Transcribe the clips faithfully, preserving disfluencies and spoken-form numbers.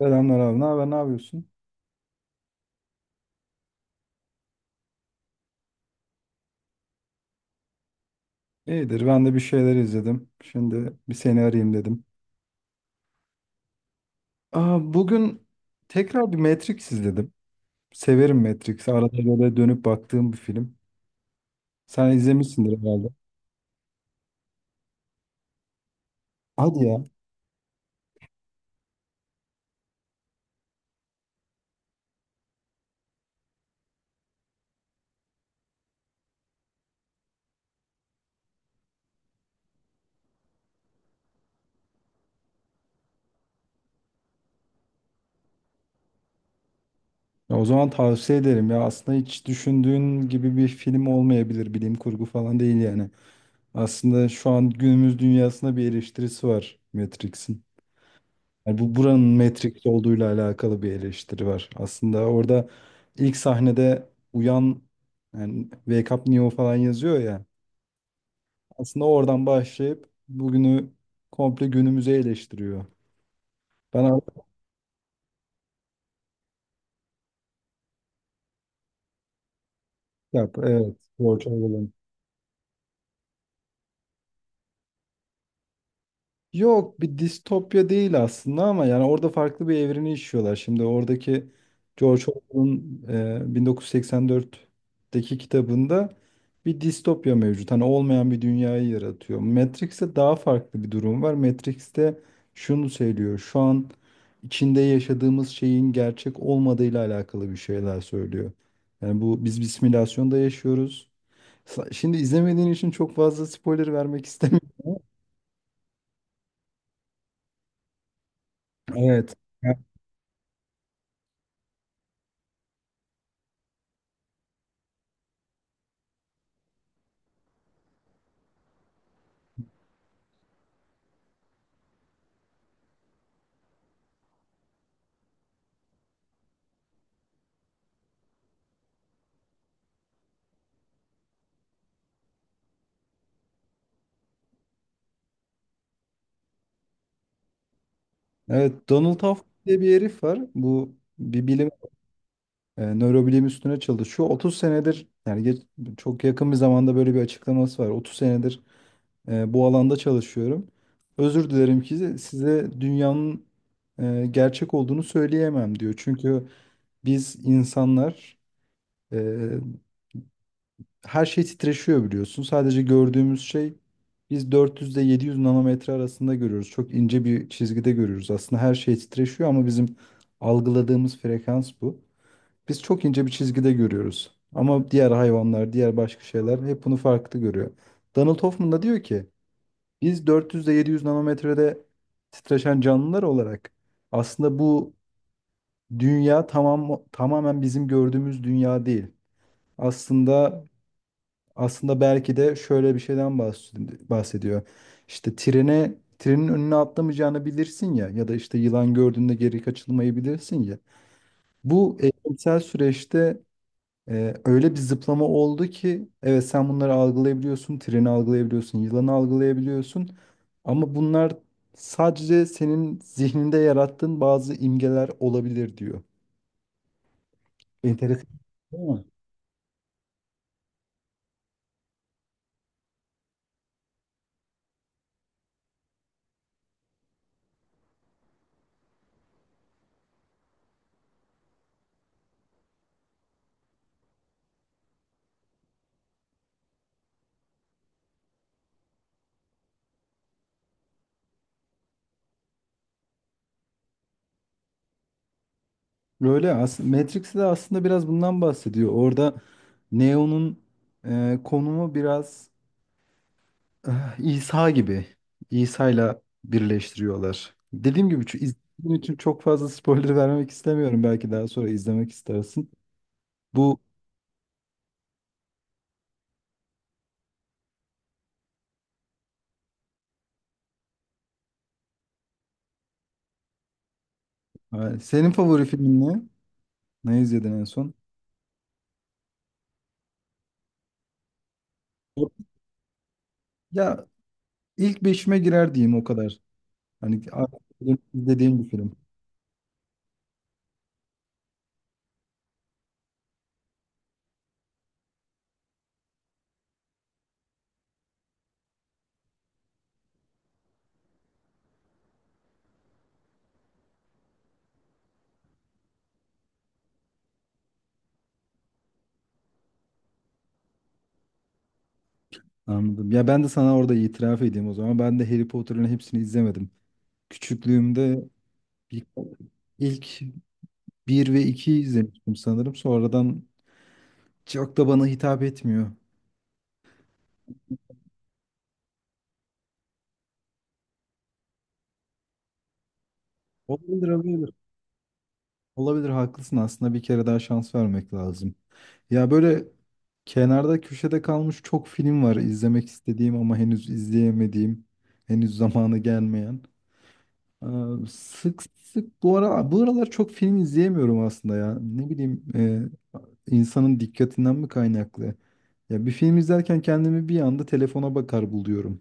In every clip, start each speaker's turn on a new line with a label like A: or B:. A: Selamlar abi. Ne haber? Ne yapıyorsun? İyidir. Ben de bir şeyler izledim. Şimdi bir seni arayayım dedim. Aa, bugün tekrar bir Matrix izledim. Severim Matrix'i. Arada böyle dönüp baktığım bir film. Sen izlemişsindir herhalde. Hadi ya. Ya o zaman tavsiye ederim ya. Aslında hiç düşündüğün gibi bir film olmayabilir. Bilim kurgu falan değil yani. Aslında şu an günümüz dünyasında bir eleştirisi var Matrix'in. Yani bu buranın Matrix olduğuyla alakalı bir eleştiri var. Aslında orada ilk sahnede uyan, yani Wake Up Neo falan yazıyor ya. Aslında oradan başlayıp bugünü komple günümüze eleştiriyor. Ben artık yap. Evet. George Orwell'ın. Yok, bir distopya değil aslında ama yani orada farklı bir evreni işliyorlar. Şimdi oradaki George Orwell'ın e, bin dokuz yüz seksen dörtteki kitabında bir distopya mevcut. Hani olmayan bir dünyayı yaratıyor. Matrix'te daha farklı bir durum var. Matrix'te şunu söylüyor. Şu an içinde yaşadığımız şeyin gerçek olmadığıyla alakalı bir şeyler söylüyor. Yani bu, biz bir simülasyonda yaşıyoruz. Sa- Şimdi izlemediğin için çok fazla spoiler vermek istemiyorum. Evet. Evet, Donald Huff diye bir herif var. Bu bir bilim, e, nörobilim üstüne çalışıyor. otuz senedir, yani geç- çok yakın bir zamanda böyle bir açıklaması var. otuz senedir e, bu alanda çalışıyorum. Özür dilerim ki size dünyanın e, gerçek olduğunu söyleyemem, diyor. Çünkü biz insanlar, e, her şey titreşiyor biliyorsun. Sadece gördüğümüz şey, biz dört yüz ile yedi yüz nanometre arasında görüyoruz. Çok ince bir çizgide görüyoruz. Aslında her şey titreşiyor ama bizim algıladığımız frekans bu. Biz çok ince bir çizgide görüyoruz. Ama diğer hayvanlar, diğer başka şeyler hep bunu farklı görüyor. Donald Hoffman da diyor ki biz dört yüz ile yedi yüz nanometrede titreşen canlılar olarak aslında bu dünya tamam tamamen bizim gördüğümüz dünya değil. Aslında aslında belki de şöyle bir şeyden bahs- bahsediyor. İşte trene, trenin önüne atlamayacağını bilirsin ya, ya da işte yılan gördüğünde geri kaçılmayı bilirsin ya. Bu eğitimsel süreçte e, öyle bir zıplama oldu ki evet, sen bunları algılayabiliyorsun, treni algılayabiliyorsun, yılanı algılayabiliyorsun. Ama bunlar sadece senin zihninde yarattığın bazı imgeler olabilir, diyor. Enteresan, değil mi? Böyle aslında Matrix'te de aslında biraz bundan bahsediyor. Orada Neo'nun e, konumu biraz, eh, İsa gibi. İsa'yla birleştiriyorlar. Dediğim gibi şu izlediğin için çok fazla spoiler vermek istemiyorum. Belki daha sonra izlemek istersin. Bu, e, senin favori filmin ne? Ne izledin en son? Ya, ilk beşime girer diyeyim, o kadar. Hani artık izlediğim bir film. Anladım. Ya ben de sana orada itiraf edeyim o zaman. Ben de Harry Potter'ın hepsini izlemedim. Küçüklüğümde İlk, ilk bir ve iki izlemiştim sanırım. Sonradan çok da bana hitap etmiyor. Olabilir, olabilir. Olabilir, haklısın. Aslında bir kere daha şans vermek lazım. Ya, böyle kenarda köşede kalmış çok film var izlemek istediğim ama henüz izleyemediğim, henüz zamanı gelmeyen. Ee, Sık sık bu ara bu aralar çok film izleyemiyorum aslında ya. Ne bileyim, e, insanın dikkatinden mi kaynaklı? Ya bir film izlerken kendimi bir anda telefona bakar buluyorum.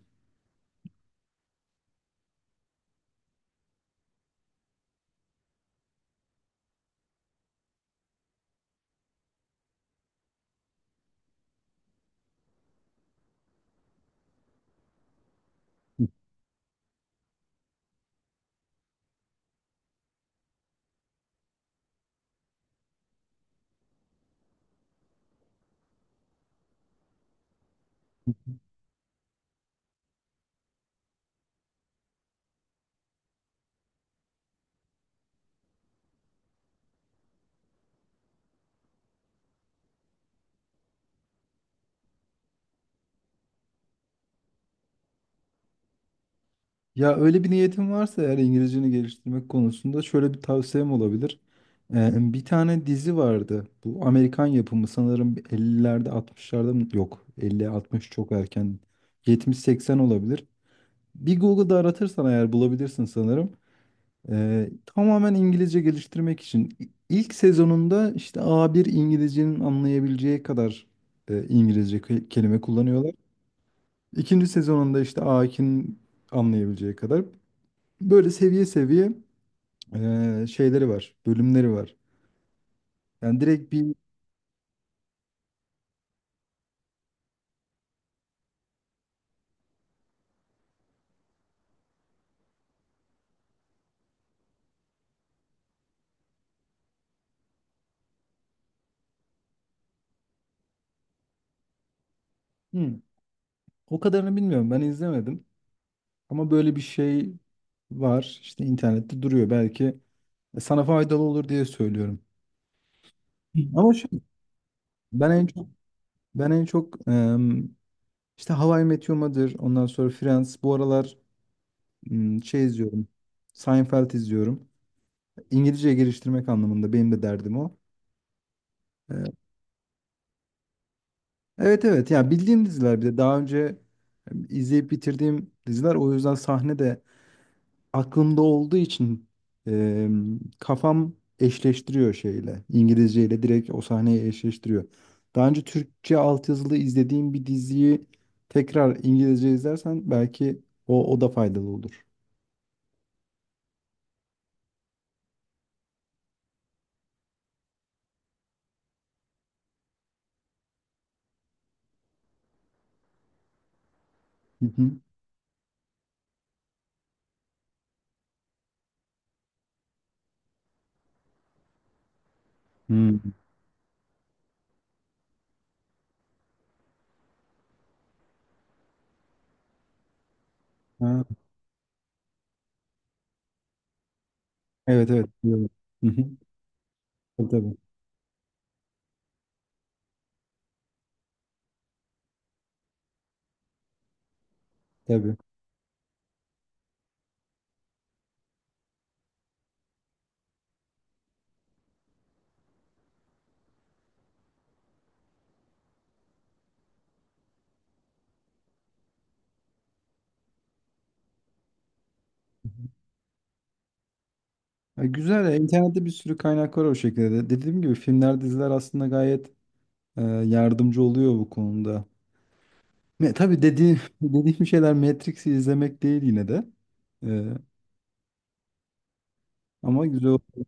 A: Ya öyle bir niyetin varsa eğer İngilizceni geliştirmek konusunda şöyle bir tavsiyem olabilir. Ee, bir tane dizi vardı. Bu Amerikan yapımı sanırım ellilerde, altmışlarda mı? Yok, elli altmış çok erken. yetmiş seksen olabilir. Bir Google'da aratırsan eğer bulabilirsin sanırım. Ee, tamamen İngilizce geliştirmek için. İ- İlk sezonunda işte A bir İngilizcenin anlayabileceği kadar e, İngilizce ke- kelime kullanıyorlar. İkinci sezonunda işte Akin anlayabileceği kadar, böyle seviye seviye eee, şeyleri var, bölümleri var. Yani direkt bir. Hı, o kadarını bilmiyorum, ben izlemedim ama böyle bir şey var, işte internette duruyor, belki e, sana faydalı olur diye söylüyorum. Hı. Ama şey, ben en çok ben en çok em, işte How I Met Your Mother, ondan sonra Friends, bu aralar m, şey izliyorum. Seinfeld izliyorum. İngilizceye geliştirmek anlamında benim de derdim o. Evet, evet, yani bildiğim diziler, bir de daha önce izleyip bitirdiğim diziler. O yüzden sahne de aklımda olduğu için e, kafam eşleştiriyor şeyle, İngilizceyle, direkt o sahneyi eşleştiriyor. Daha önce Türkçe altyazılı izlediğim bir diziyi tekrar İngilizce izlersen belki o, o da faydalı olur. Hı hı. Hmm. Ha, evet, evet. Biliyorum. Hı hı. Tabii, tabii. Tabii. Ya güzel ya, internette bir sürü kaynak var o şekilde de. Dediğim gibi filmler, diziler aslında gayet e, yardımcı oluyor bu konuda. Me, tabii dedi, dediğim şeyler Matrix'i izlemek değil yine de. E, Ama güzel oldu.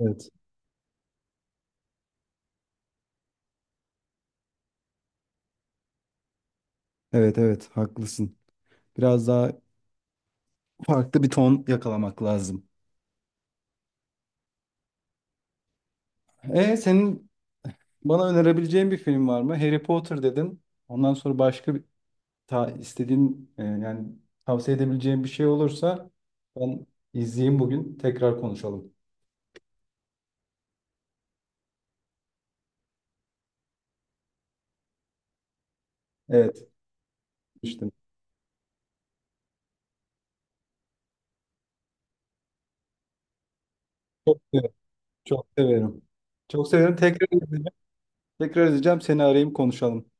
A: Evet. Evet, evet, haklısın. Biraz daha farklı bir ton yakalamak lazım. E senin bana önerebileceğin bir film var mı? Harry Potter dedin. Ondan sonra başka bir ta, istediğin, e, yani tavsiye edebileceğin bir şey olursa ben izleyeyim bugün. Tekrar konuşalım. Evet. işte çok severim. Çok severim. Çok severim. Tekrar izleyeyim. Tekrar edeceğim, seni arayayım, konuşalım.